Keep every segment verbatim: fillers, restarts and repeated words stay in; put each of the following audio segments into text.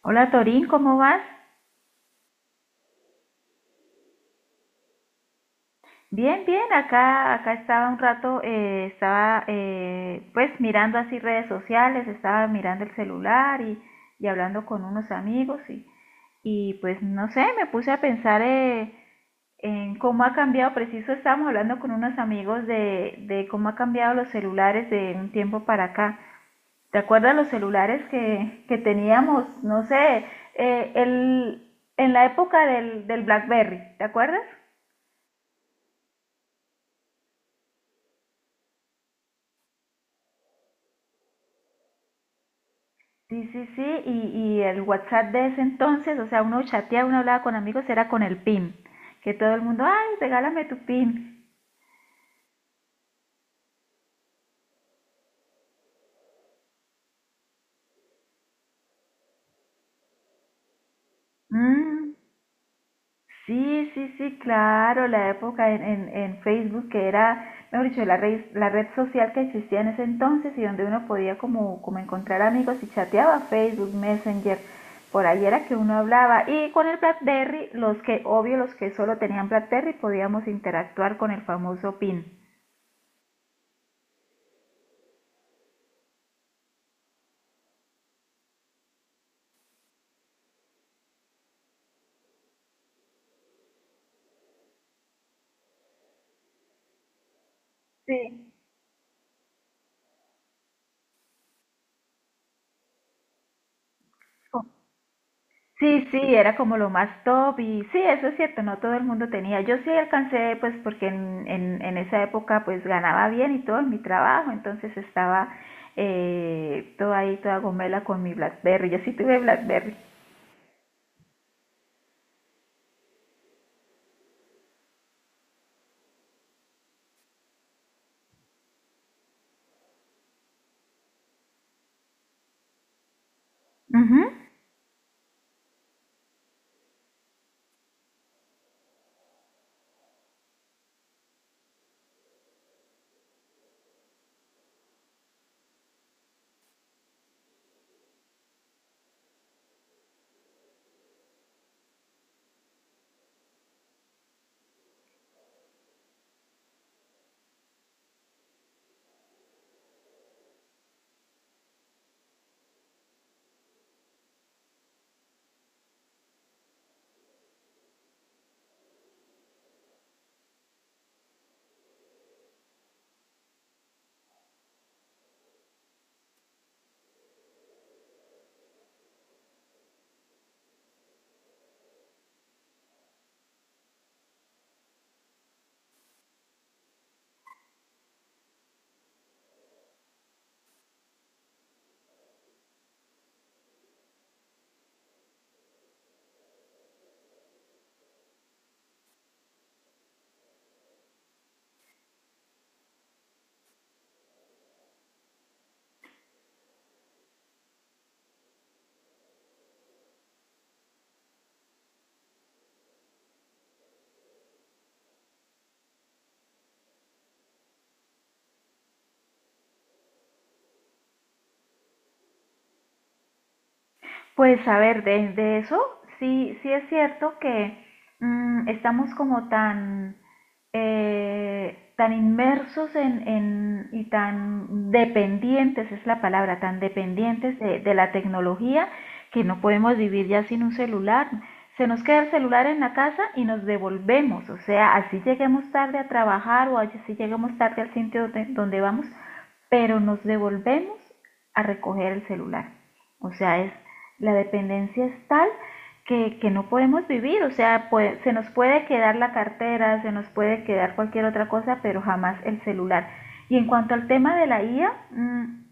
Hola Torín, ¿cómo vas? Bien, bien, acá, acá estaba un rato, eh, estaba eh, pues mirando así redes sociales, estaba mirando el celular y, y hablando con unos amigos y, y pues no sé, me puse a pensar eh, en cómo ha cambiado, preciso estábamos hablando con unos amigos de, de cómo ha cambiado los celulares de un tiempo para acá. ¿Te acuerdas los celulares que, que teníamos? No sé, eh, el, en la época del, del BlackBerry, ¿te acuerdas? Sí, sí, sí, y, y el WhatsApp de ese entonces, o sea, uno chateaba, uno hablaba con amigos, era con el PIN, que todo el mundo, ay, regálame tu PIN. Mm, sí, sí, sí, claro, la época en, en, en Facebook, que era, mejor dicho, la red, la red social que existía en ese entonces y donde uno podía como, como encontrar amigos y chateaba Facebook, Messenger, por ahí era que uno hablaba. Y con el BlackBerry, los que, obvio, los que solo tenían BlackBerry, podíamos interactuar con el famoso PIN. Sí. Sí, sí, era como lo más top y sí, eso es cierto, no todo el mundo tenía. Yo sí alcancé, pues porque en, en, en esa época pues ganaba bien y todo en mi trabajo, entonces estaba eh, toda ahí, toda gomela con mi BlackBerry, yo sí tuve BlackBerry. Ujú. Pues a ver, de, de eso sí, sí es cierto que mm, estamos como tan, eh, tan inmersos en, en- y tan dependientes, es la palabra, tan dependientes de, de la tecnología que no podemos vivir ya sin un celular. Se nos queda el celular en la casa y nos devolvemos, o sea, así lleguemos tarde a trabajar o así lleguemos tarde al sitio donde donde vamos, pero nos devolvemos a recoger el celular. O sea, es la dependencia es tal que, que no podemos vivir, o sea, puede- se nos puede quedar la cartera, se nos puede quedar cualquier otra cosa, pero jamás el celular. Y en cuanto al tema de la I A, mm,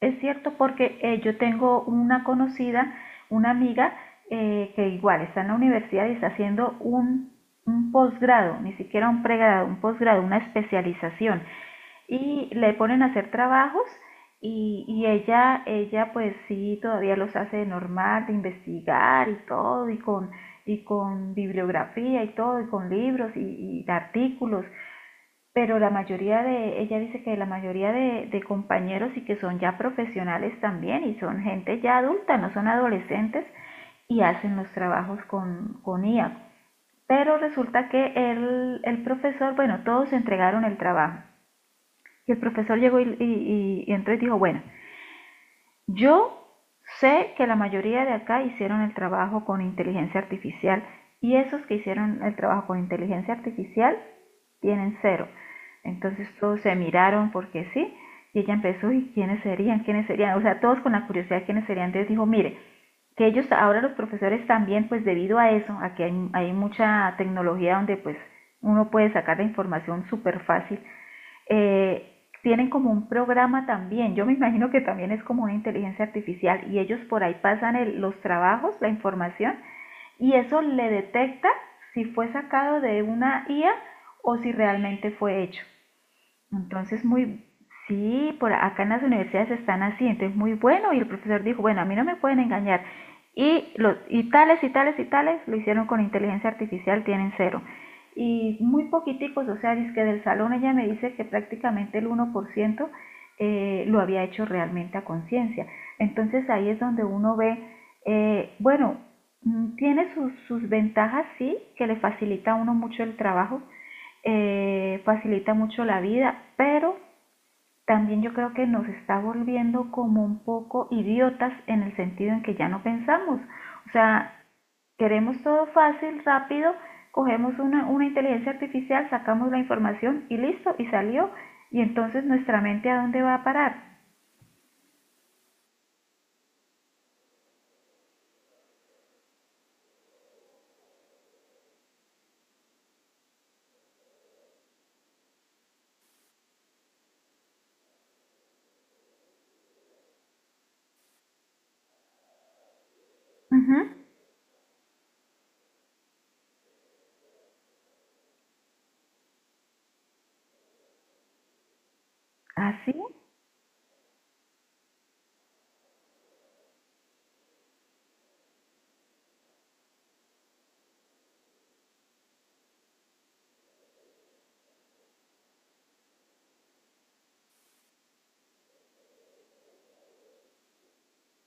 es cierto porque eh, yo tengo una conocida, una amiga, eh, que igual está en la universidad y está haciendo un, un posgrado, ni siquiera un pregrado, un posgrado, una especialización y le ponen a hacer trabajos y, y ella, ella pues sí, todavía los hace de normal, de investigar y todo, y con, y con bibliografía y todo, y con libros y, y de artículos, pero la mayoría de, ella dice que la mayoría de, de compañeros y que son ya profesionales también y son gente ya adulta, no son adolescentes y hacen los trabajos con, con I A. Pero resulta que el, el profesor, bueno, todos entregaron el trabajo y el profesor llegó y, y- y- entonces dijo, bueno, yo sé que la mayoría de acá hicieron el trabajo con inteligencia artificial y esos que hicieron el trabajo con inteligencia artificial tienen cero. Entonces todos se miraron porque sí y ella empezó, ¿y quiénes serían? ¿Quiénes serían? O sea, todos con la curiosidad, ¿quiénes serían? Entonces dijo, mire, que ellos, ahora los profesores también, pues debido a eso, a que hay, hay mucha tecnología donde pues uno puede sacar la información súper fácil eh, tienen como un programa también. Yo me imagino que también es como una inteligencia artificial y ellos por ahí pasan el- los trabajos, la información y eso le detecta si fue sacado de una I A o si realmente fue hecho. Entonces, muy, sí, por acá en las universidades están así, entonces muy bueno, y el profesor dijo, bueno, a mí no me pueden engañar. Y, los, y tales y tales y tales lo hicieron con inteligencia artificial, tienen cero. Y muy poquiticos, o sea, es que del salón ella me dice que prácticamente el uno por ciento eh, lo había hecho realmente a conciencia. Entonces ahí es donde uno ve, eh, bueno, mm, tiene sus, sus ventajas, sí, que le facilita a uno mucho el trabajo, eh, facilita mucho la vida, pero también yo creo que nos está volviendo como un poco idiotas en el sentido en que ya no pensamos. O sea, queremos todo fácil, rápido, cogemos una, una inteligencia artificial, sacamos la información y listo, y salió. Y entonces nuestra mente a dónde va a parar. Ujú. Así.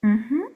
Ujú.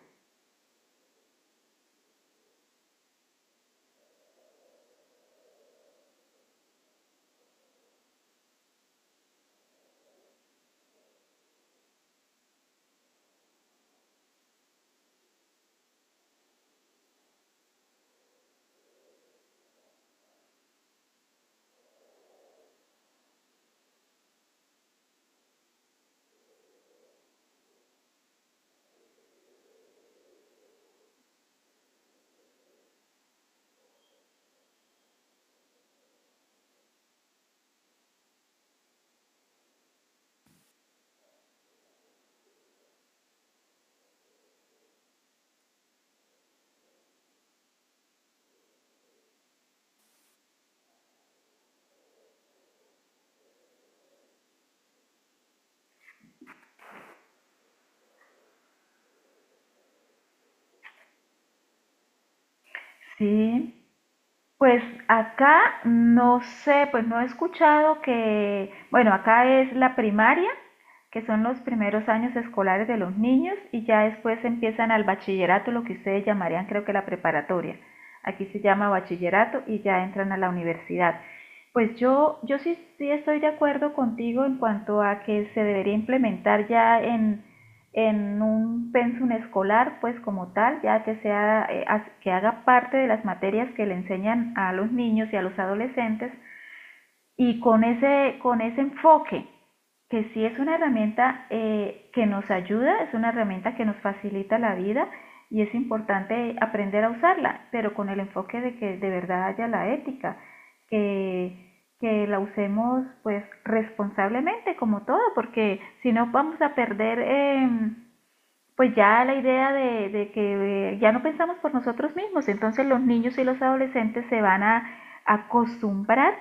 Sí. Pues acá no sé, pues no he escuchado que, bueno, acá es la primaria que son los primeros años escolares de los niños y ya después empiezan al bachillerato, lo que ustedes llamarían creo que la preparatoria. Aquí se llama bachillerato y ya entran a la universidad. Pues yo, yo sí, sí estoy de acuerdo contigo en cuanto a que se debería implementar ya en, en un pensum escolar, pues como tal, ya que, sea, eh, que haga parte de las materias que le enseñan a los niños y a los adolescentes y con ese, con ese enfoque que sí es una herramienta eh, que nos ayuda, es una herramienta que nos facilita la vida y es importante aprender a usarla, pero con el enfoque de que de verdad haya la ética, que, que la usemos pues responsablemente como todo, porque si no vamos a perder eh, pues ya la idea de, de que eh, ya no pensamos por nosotros mismos, entonces los niños y los adolescentes se van a acostumbrar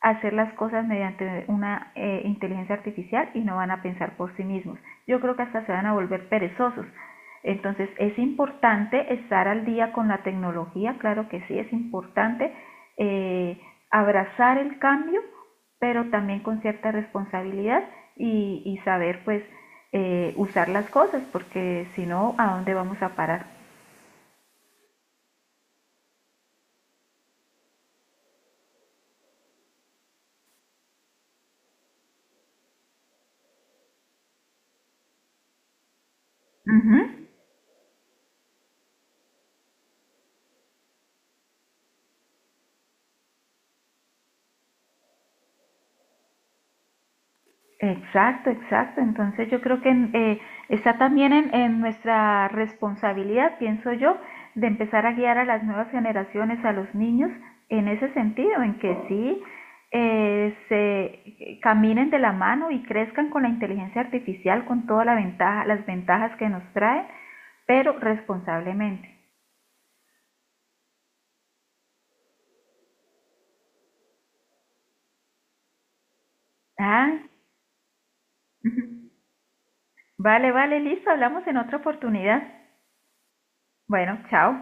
hacer las cosas mediante una eh, inteligencia artificial y no van a pensar por sí mismos. Yo creo que hasta se van a volver perezosos. Entonces es importante estar al día con la tecnología, claro que sí, es importante eh, abrazar el cambio, pero también con cierta responsabilidad y, y saber pues eh, usar las cosas, porque si no, ¿a dónde vamos a parar? Uh -huh. Exacto, exacto. Entonces yo creo que eh, está también en, en nuestra responsabilidad, pienso yo, de empezar a guiar a las nuevas generaciones, a los niños, en ese sentido, en que sí eh, se eh, caminen de la mano y crezcan con la inteligencia artificial, con toda la ventaja, las ventajas que nos trae, pero responsablemente. Ah, vale, vale, listo, hablamos en otra oportunidad. Bueno, chao.